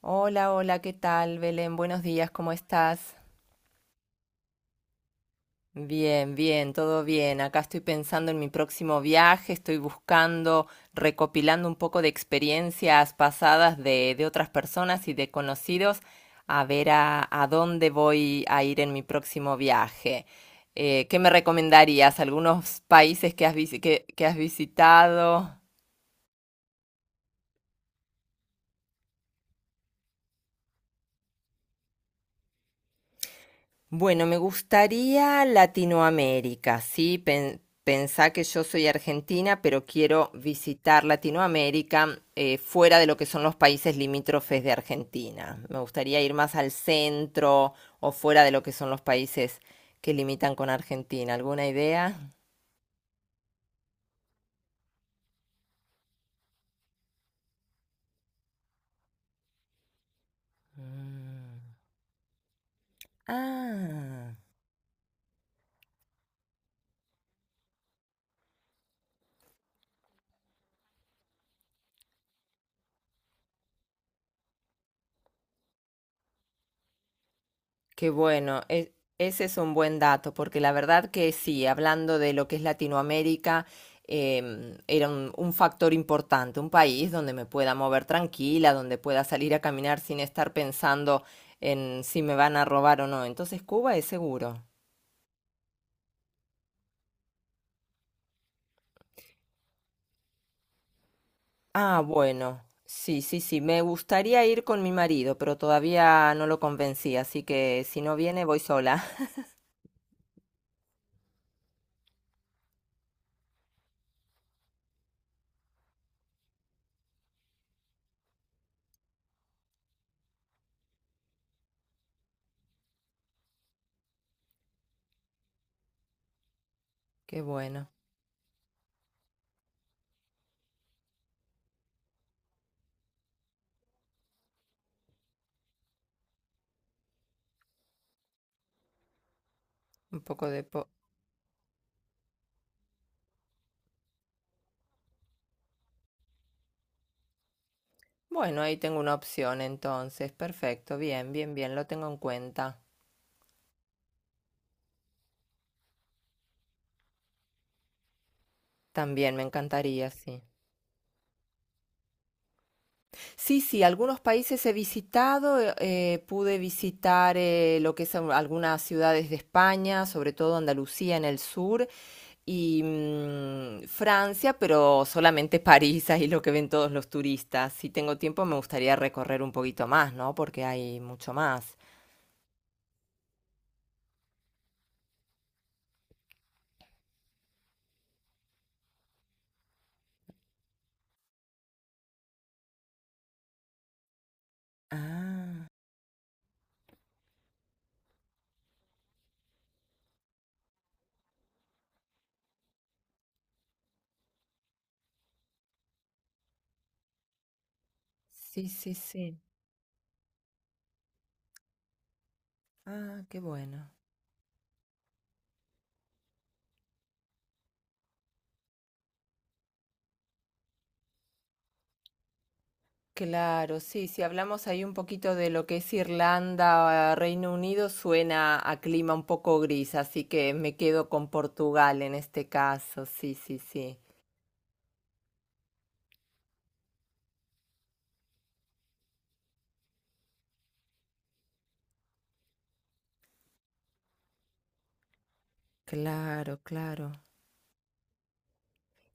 Hola, hola, ¿qué tal, Belén? Buenos días, ¿cómo estás? Bien, bien, todo bien. Acá estoy pensando en mi próximo viaje, estoy buscando, recopilando un poco de experiencias pasadas de otras personas y de conocidos, a ver a dónde voy a ir en mi próximo viaje. ¿Qué me recomendarías? ¿Algunos países que que has visitado? Bueno, me gustaría Latinoamérica, ¿sí? Pensá que yo soy argentina, pero quiero visitar Latinoamérica fuera de lo que son los países limítrofes de Argentina. Me gustaría ir más al centro o fuera de lo que son los países que limitan con Argentina. ¿Alguna idea? Mm. Ah. Qué bueno, ese es un buen dato, porque la verdad que sí, hablando de lo que es Latinoamérica, era un factor importante, un país donde me pueda mover tranquila, donde pueda salir a caminar sin estar pensando en si me van a robar o no. Entonces Cuba es seguro. Ah, bueno, sí, sí, sí, me gustaría ir con mi marido, pero todavía no lo convencí, así que si no viene voy sola. Qué bueno, un poco de... po- Bueno, ahí tengo una opción entonces. Perfecto, bien, bien, bien, lo tengo en cuenta. También me encantaría, sí. Sí, sí, algunos países he visitado, pude visitar lo que es algunas ciudades de España, sobre todo Andalucía en el sur, y Francia, pero solamente París, ahí lo que ven todos los turistas. Si tengo tiempo me gustaría recorrer un poquito más, ¿no? Porque hay mucho más. Ah, sí, sí, sí. Ah, qué bueno. Claro, sí, si hablamos ahí un poquito de lo que es Irlanda, ah, Reino Unido, suena a clima un poco gris, así que me quedo con Portugal en este caso, sí, sí, sí. Claro, claro.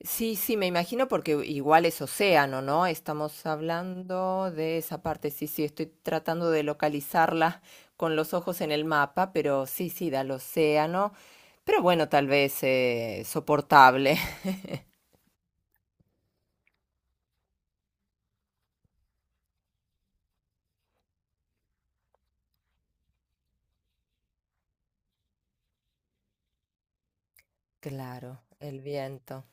Sí, sí, me imagino porque igual es océano, ¿no? Estamos hablando de esa parte, sí, sí, estoy tratando de localizarla con los ojos en el mapa, pero sí, sí, da al océano, pero bueno, tal vez soportable. Claro, el viento.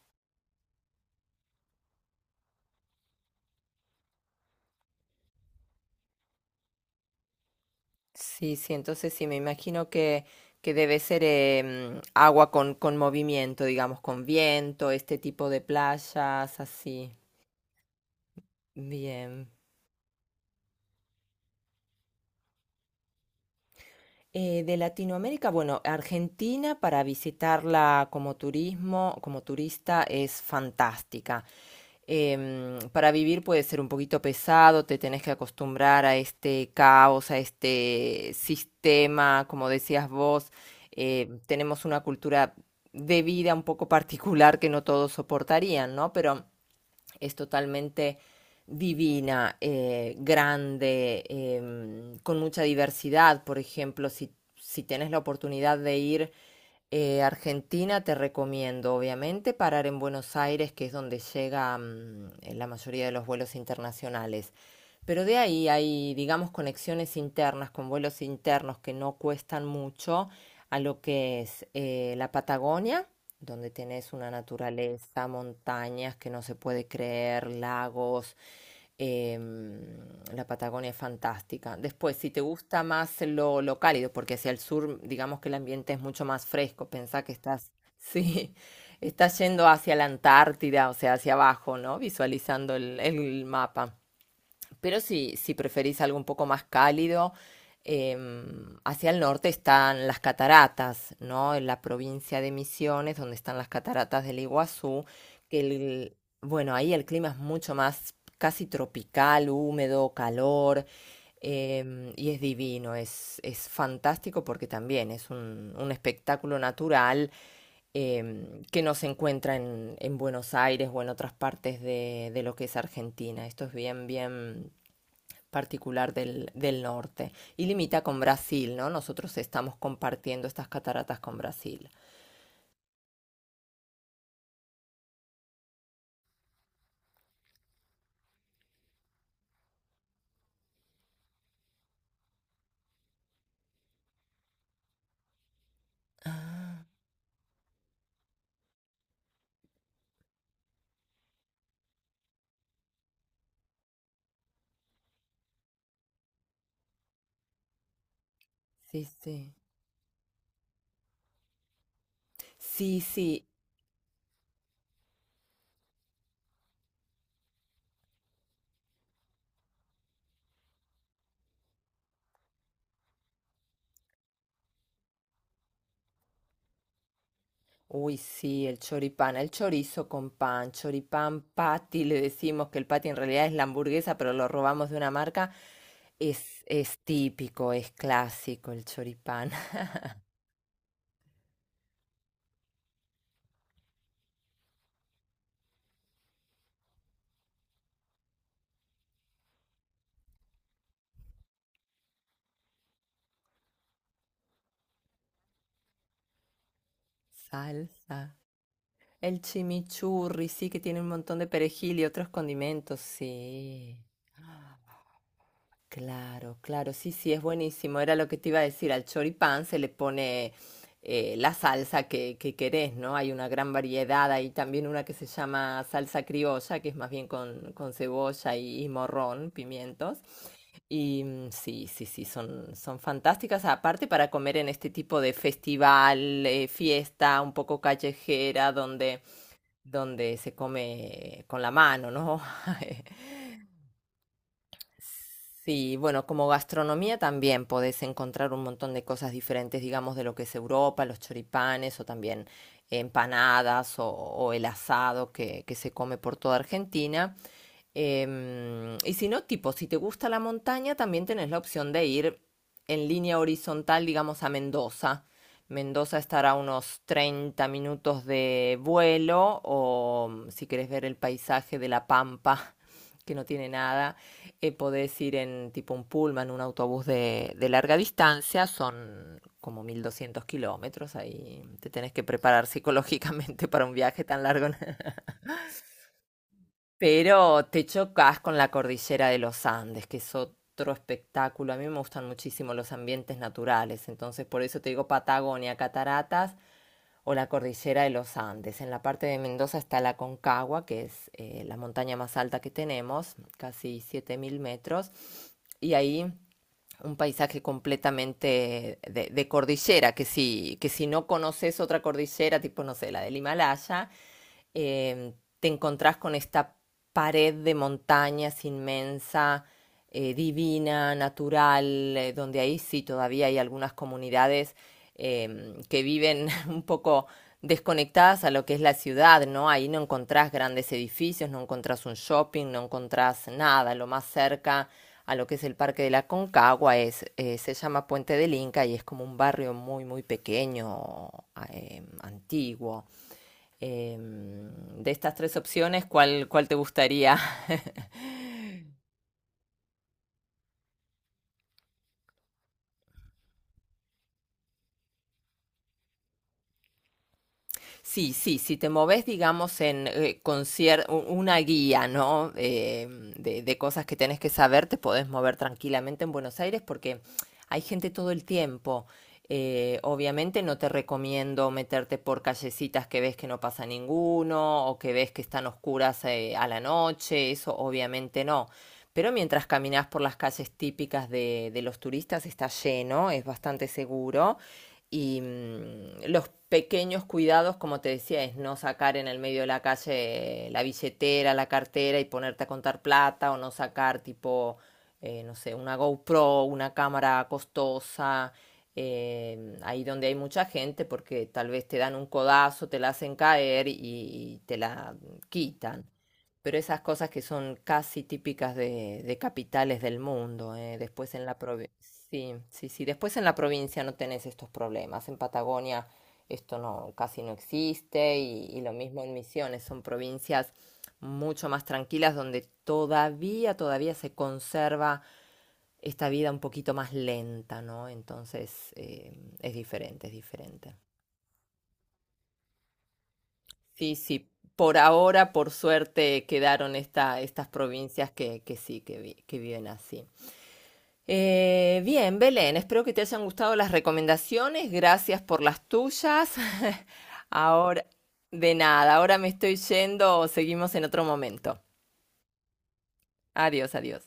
Sí, sí, entonces sí, me imagino que debe ser agua con movimiento, digamos, con viento, este tipo de playas, así. Bien. De Latinoamérica, bueno, Argentina para visitarla como turismo, como turista es fantástica. Para vivir puede ser un poquito pesado, te tenés que acostumbrar a este caos, a este sistema, como decías vos, tenemos una cultura de vida un poco particular que no todos soportarían, ¿no? Pero es totalmente divina, grande, con mucha diversidad. Por ejemplo, si, si tenés la oportunidad de ir a Argentina, te recomiendo, obviamente, parar en Buenos Aires, que es donde llega la mayoría de los vuelos internacionales. Pero de ahí hay, digamos, conexiones internas con vuelos internos que no cuestan mucho a lo que es la Patagonia, donde tenés una naturaleza, montañas que no se puede creer, lagos. em, la Patagonia es fantástica. Después, si te gusta más lo cálido, porque hacia el sur, digamos que el ambiente es mucho más fresco, pensá que estás, sí, estás yendo hacia la Antártida, o sea, hacia abajo, ¿no? Visualizando el mapa. Pero si, si preferís algo un poco más cálido, eh, hacia el norte están las cataratas, ¿no? En la provincia de Misiones, donde están las cataratas del Iguazú, que el, bueno, ahí el clima es mucho más casi tropical, húmedo, calor. Y es divino, es fantástico porque también es un espectáculo natural que no se encuentra en Buenos Aires o en otras partes de lo que es Argentina. Esto es bien, bien particular del norte. Y limita con Brasil, ¿no? Nosotros estamos compartiendo estas cataratas con Brasil. Ah, sí, sí. Sí, sí, uy, sí, el choripán, el chorizo con pan, choripán patty, le decimos que el patty en realidad es la hamburguesa, pero lo robamos de una marca. Es típico, es clásico el choripán. Salsa. El chimichurri, sí, que tiene un montón de perejil y otros condimentos, sí. Claro, claro, sí, sí, es buenísimo. Era lo que te iba a decir, al choripán se le pone la salsa que querés, ¿no? Hay una gran variedad, hay también una que se llama salsa criolla, que es más bien con cebolla y morrón, pimientos. Y mm, sí, sí, sí, son, son fantásticas, aparte para comer en este tipo de festival, fiesta un poco callejera, donde se come con la mano, ¿no? Sí, bueno, como gastronomía también podés encontrar un montón de cosas diferentes, digamos, de lo que es Europa, los choripanes o también empanadas o el asado que se come por toda Argentina. Y si no, tipo, si te gusta la montaña, también tenés la opción de ir en línea horizontal, digamos, a Mendoza. Mendoza estará a unos 30 minutos de vuelo o si querés ver el paisaje de La Pampa, que no tiene nada, podés ir en tipo un pullman, un autobús de larga distancia, son como 1200 km, ahí te tenés que preparar psicológicamente para un viaje tan largo, pero te chocas con la cordillera de los Andes, que es otro espectáculo, a mí me gustan muchísimo los ambientes naturales, entonces por eso te digo Patagonia, cataratas, o la cordillera de los Andes. En la parte de Mendoza está la Concagua, que es la montaña más alta que tenemos, casi 7000 metros, y ahí un paisaje completamente cordillera, que si no conoces otra cordillera, tipo, no sé, la del Himalaya, eh, te encontrás con esta pared de montañas inmensa, divina, natural, donde ahí sí todavía hay algunas comunidades que viven un poco desconectadas a lo que es la ciudad, ¿no? Ahí no encontrás grandes edificios, no encontrás un shopping, no encontrás nada. Lo más cerca a lo que es el Parque de la Concagua es, se llama Puente del Inca y es como un barrio muy, muy pequeño, antiguo. De estas tres opciones, ¿cuál, cuál te gustaría Sí, sí, si te moves, digamos, en una guía, ¿no? De cosas que tenés que saber, te podés mover tranquilamente en Buenos Aires porque hay gente todo el tiempo. Obviamente no te recomiendo meterte por callecitas que ves que no pasa ninguno o que ves que están oscuras a la noche, eso obviamente no. Pero mientras caminas por las calles típicas de los turistas está lleno, es bastante seguro. Y mm, los pequeños cuidados, como te decía, es no sacar en el medio de la calle la billetera, la cartera y ponerte a contar plata o no sacar tipo, no sé, una GoPro, una cámara costosa, ahí donde hay mucha gente porque tal vez te dan un codazo, te la hacen caer y te la quitan. Pero esas cosas que son casi típicas de capitales del mundo, ¿eh? Después en la provincia. Sí, sí, sí. Después en la provincia no tenés estos problemas. En Patagonia esto no, casi no existe y lo mismo en Misiones. Son provincias mucho más tranquilas donde todavía, todavía se conserva esta vida un poquito más lenta, ¿no? Entonces es diferente, es diferente. Sí, sí. Por ahora, por suerte, quedaron esta, estas provincias que sí, que, que viven así. Bien, Belén, espero que te hayan gustado las recomendaciones. Gracias por las tuyas. Ahora, de nada, ahora me estoy yendo. Seguimos en otro momento. Adiós, adiós.